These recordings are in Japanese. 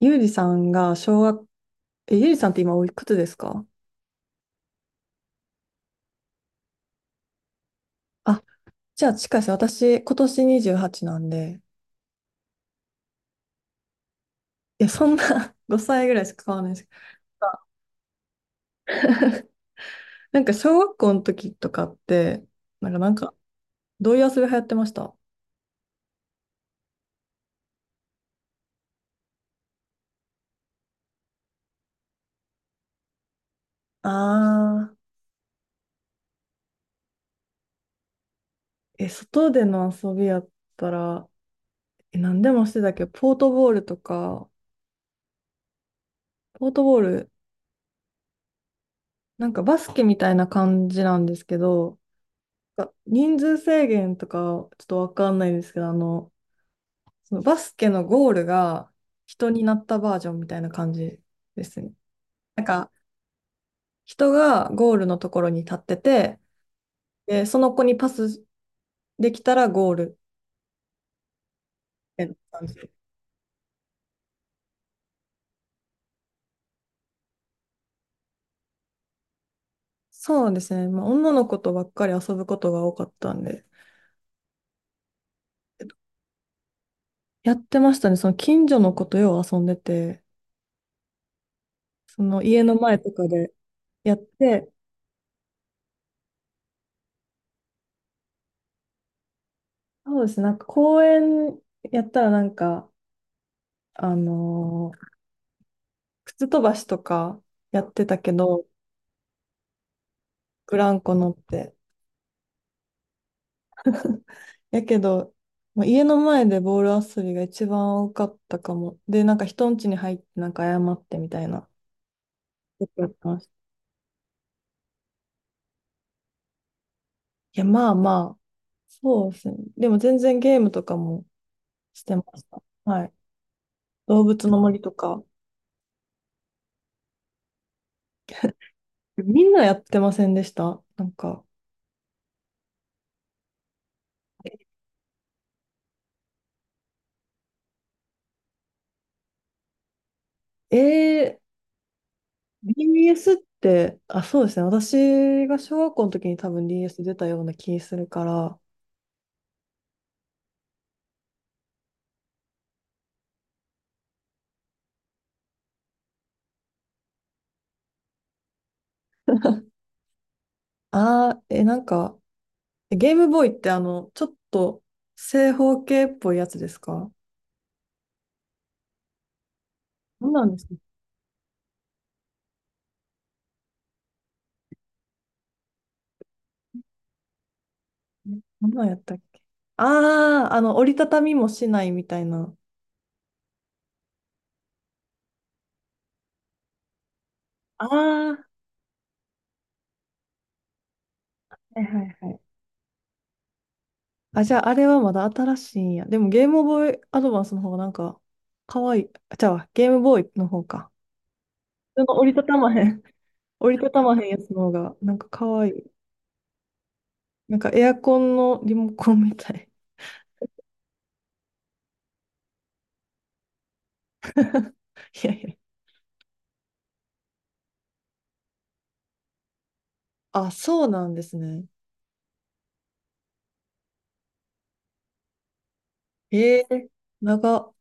ゆうりさんが小学、ゆうりさんって今おいくつですか？あ、じゃあ近いです。私、今年28なんで、いや、そんな 5歳ぐらいしか変わらないですけど、なんか小学校の時とかって、なんかどういう遊び流行ってました？あ外での遊びやったら、何でもしてたけど、ポートボールとか、ポートボール、なんかバスケみたいな感じなんですけど、人数制限とか、ちょっとわかんないんですけど、そのバスケのゴールが人になったバージョンみたいな感じですね。なんか人がゴールのところに立ってて、で、その子にパスできたらゴールみたいな感じ。そうですね。まあ、女の子とばっかり遊ぶことが多かったんで、えっとやってましたね。その近所の子とよう遊んでて、その家の前とかでやって、そうですね。なんか公園やったらなんか、あのー靴飛ばしとかやってたけど、ブランコ乗って。やけど、まあ、家の前でボール遊びが一番多かったかも。で、なんか人ん家に入ってなんか謝ってみたいな。よくやってました。いや、まあまあ、そうですね。でも全然ゲームとかもしてました。はい。動物の森とか。みんなやってませんでしたなんか、えー、DBS って、あ、そうですね。私が小学校の時に多分 DS 出たような気するから、なんか、ゲームボーイってちょっと正方形っぽいやつですか？何なんですかね。何なんやったっけ。ああー、折りたたみもしないみたいな。ああ、はいはいはい。あ、じゃああれはまだ新しいんや。でもゲームボーイアドバンスの方がなんか、かわいい。あ、じゃあゲームボーイの方か。なんか折りたたまへん。折りたたまへんやつの方が、なんかかわいい。なんかエアコンのリモコンみたい。いやいや。あ、そうなんですね。ええ長。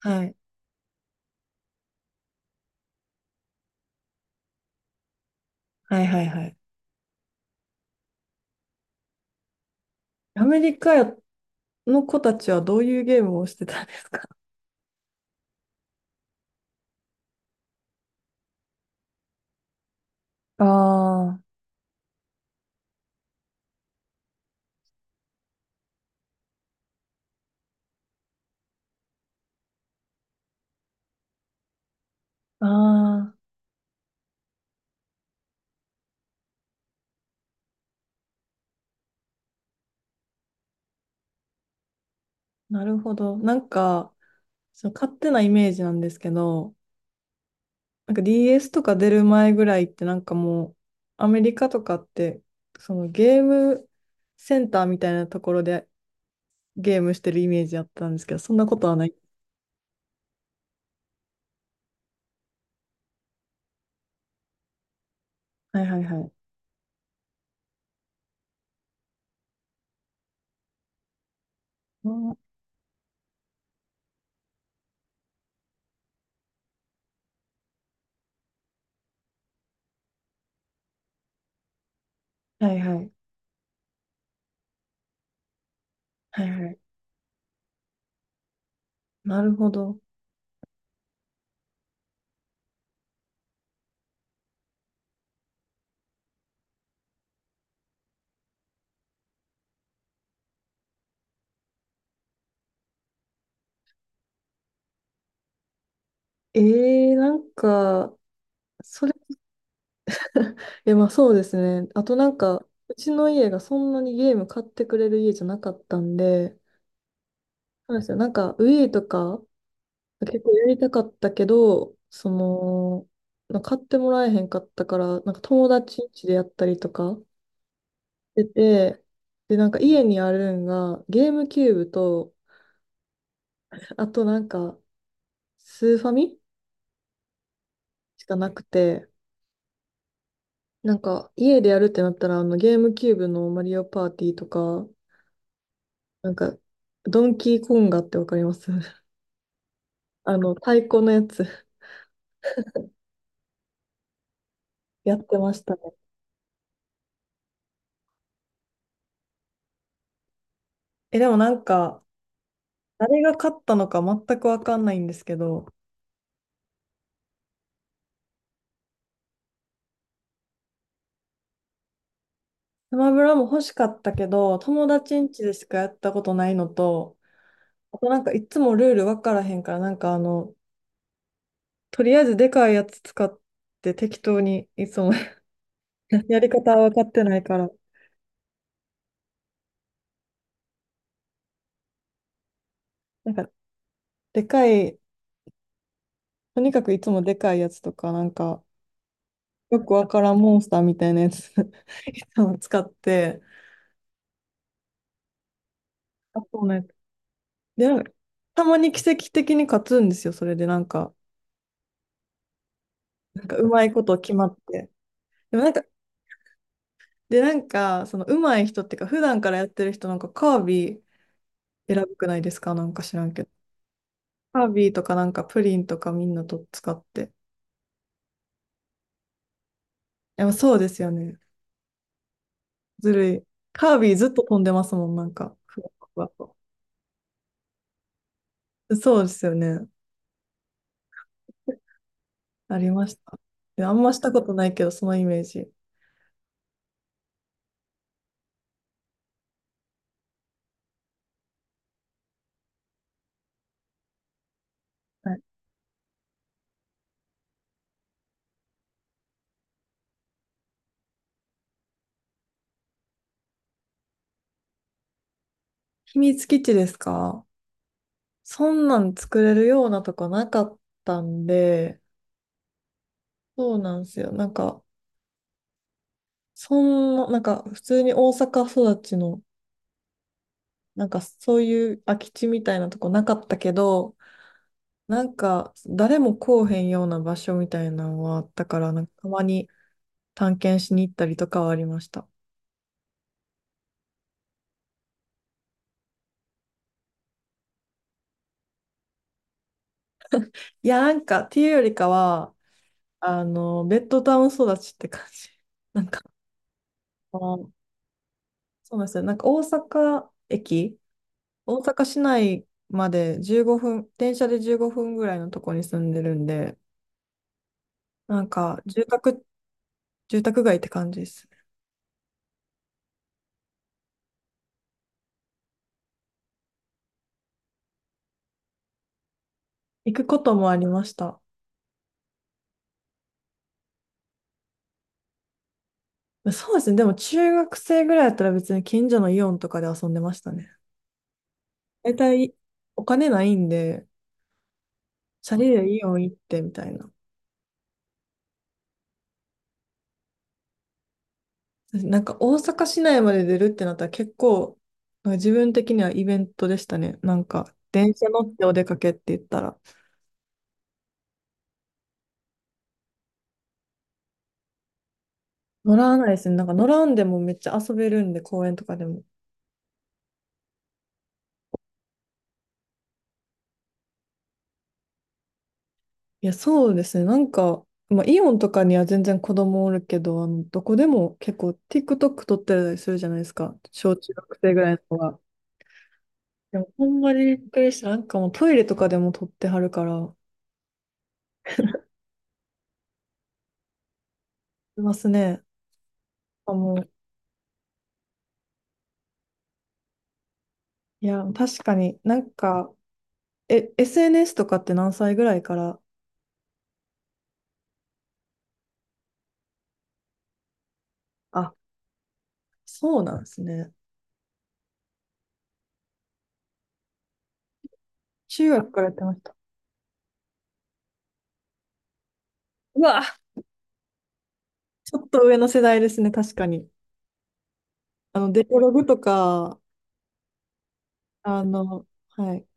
はい。はいはいはい。アメリカの子たちはどういうゲームをしてたんですか？ああああ、なるほど。なんか、その勝手なイメージなんですけど、なんか DS とか出る前ぐらいってなんかもう、アメリカとかって、そのゲームセンターみたいなところでゲームしてるイメージあったんですけど、そんなことはない。はいはいはい。うんはいはい。はいはい。なるほど。えなんか、それえ、まあそうですね。あとなんか、うちの家がそんなにゲーム買ってくれる家じゃなかったんで、そうなんですよ。なんか、ウィーとか結構やりたかったけど、なんか買ってもらえへんかったから、なんか友達ん家でやったりとかしてて、で、なんか家にあるんが、ゲームキューブと、あとなんか、スーファミしかなくて、なんか、家でやるってなったら、ゲームキューブのマリオパーティーとか、なんか、ドンキーコンガってわかります？太鼓のやつ やってましたね。え、でもなんか、誰が勝ったのか全くわかんないんですけど、スマブラも欲しかったけど、友達ん家でしかやったことないのと、あとなんかいつもルールわからへんから、なんかとりあえずでかいやつ使って適当にいつも やり方は分かってないから、なんかでかい、とにかくいつもでかいやつとか、なんかよくわからんモンスターみたいなやつ いつも使って、あとね、で、なんかたまに奇跡的に勝つんですよ、それでなんか、なんかうまいこと決まって。でもなんか、で、なんか、そのうまい人っていうか、普段からやってる人なんかカービィ選ぶくないですか？なんか知らんけど。カービィとかなんかプリンとかみんなと使って。でもそうですよね。ずるい。カービィずっと飛んでますもん、なんか。ふわふわとそうですよね。ありました。いやあんましたことないけど、そのイメージ。はい。秘密基地ですか？そんなん作れるようなとこなかったんで、そうなんですよ。なんか、そんな、なんか普通に大阪育ちの、なんかそういう空き地みたいなとこなかったけど、なんか誰も来おへんような場所みたいなのはあったから、なんかたまに探検しに行ったりとかはありました。いや、なんかっていうよりかは、ベッドタウン育ちって感じ。なんか、あのそうなんですよ。なんか大阪駅大阪市内まで15分、電車で15分ぐらいのとこに住んでるんで、なんか住宅街って感じですね。行くこともありました。そうですね。でも中学生ぐらいだったら別に近所のイオンとかで遊んでましたね。大体お金ないんで、チャリでイオン行ってみたいな。なんか大阪市内まで出るってなったら結構、なんか自分的にはイベントでしたね。なんか電車乗ってお出かけって言ったら。乗らないですね。なんか乗らんでもめっちゃ遊べるんで、公園とかでも。いや、そうですね。なんか、まあ、イオンとかには全然子供おるけど、どこでも結構 TikTok 撮ってたりするじゃないですか。小中学生ぐらいの子が。でも、ほんまにびっくりした。なんかもうトイレとかでも撮ってはるから、いますね。あ、もう、いや、確かになんか、SNS とかって何歳ぐらいから、あ、そうなんですね。中学からやってました。うわ、ちょっと上の世代ですね、確かに。デコログとか、はい。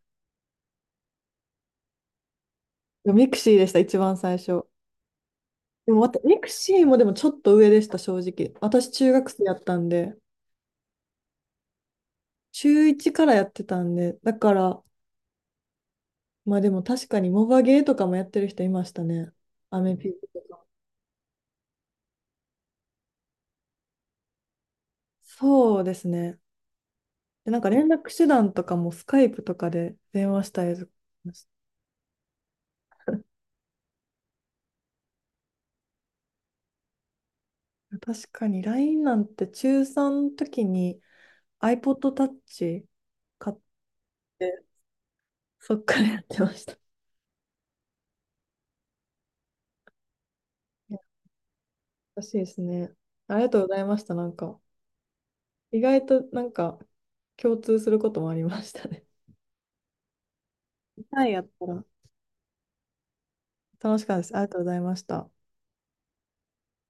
ミクシーでした、一番最初。でも、ミクシーもでもちょっと上でした、正直。私、中学生やったんで、中1からやってたんで、だから、まあでも確かに、モバゲーとかもやってる人いましたね。アメピとか。そうですね。で、なんか連絡手段とかもスカイプとかで電話したりとかしました。確かに LINE なんて中3の時に iPod Touch 買って、そっからやってました。らしいですね。ありがとうございました。なんか、意外となんか共通することもありましたね。はい、やったら。楽しかったです。ありがとうございました。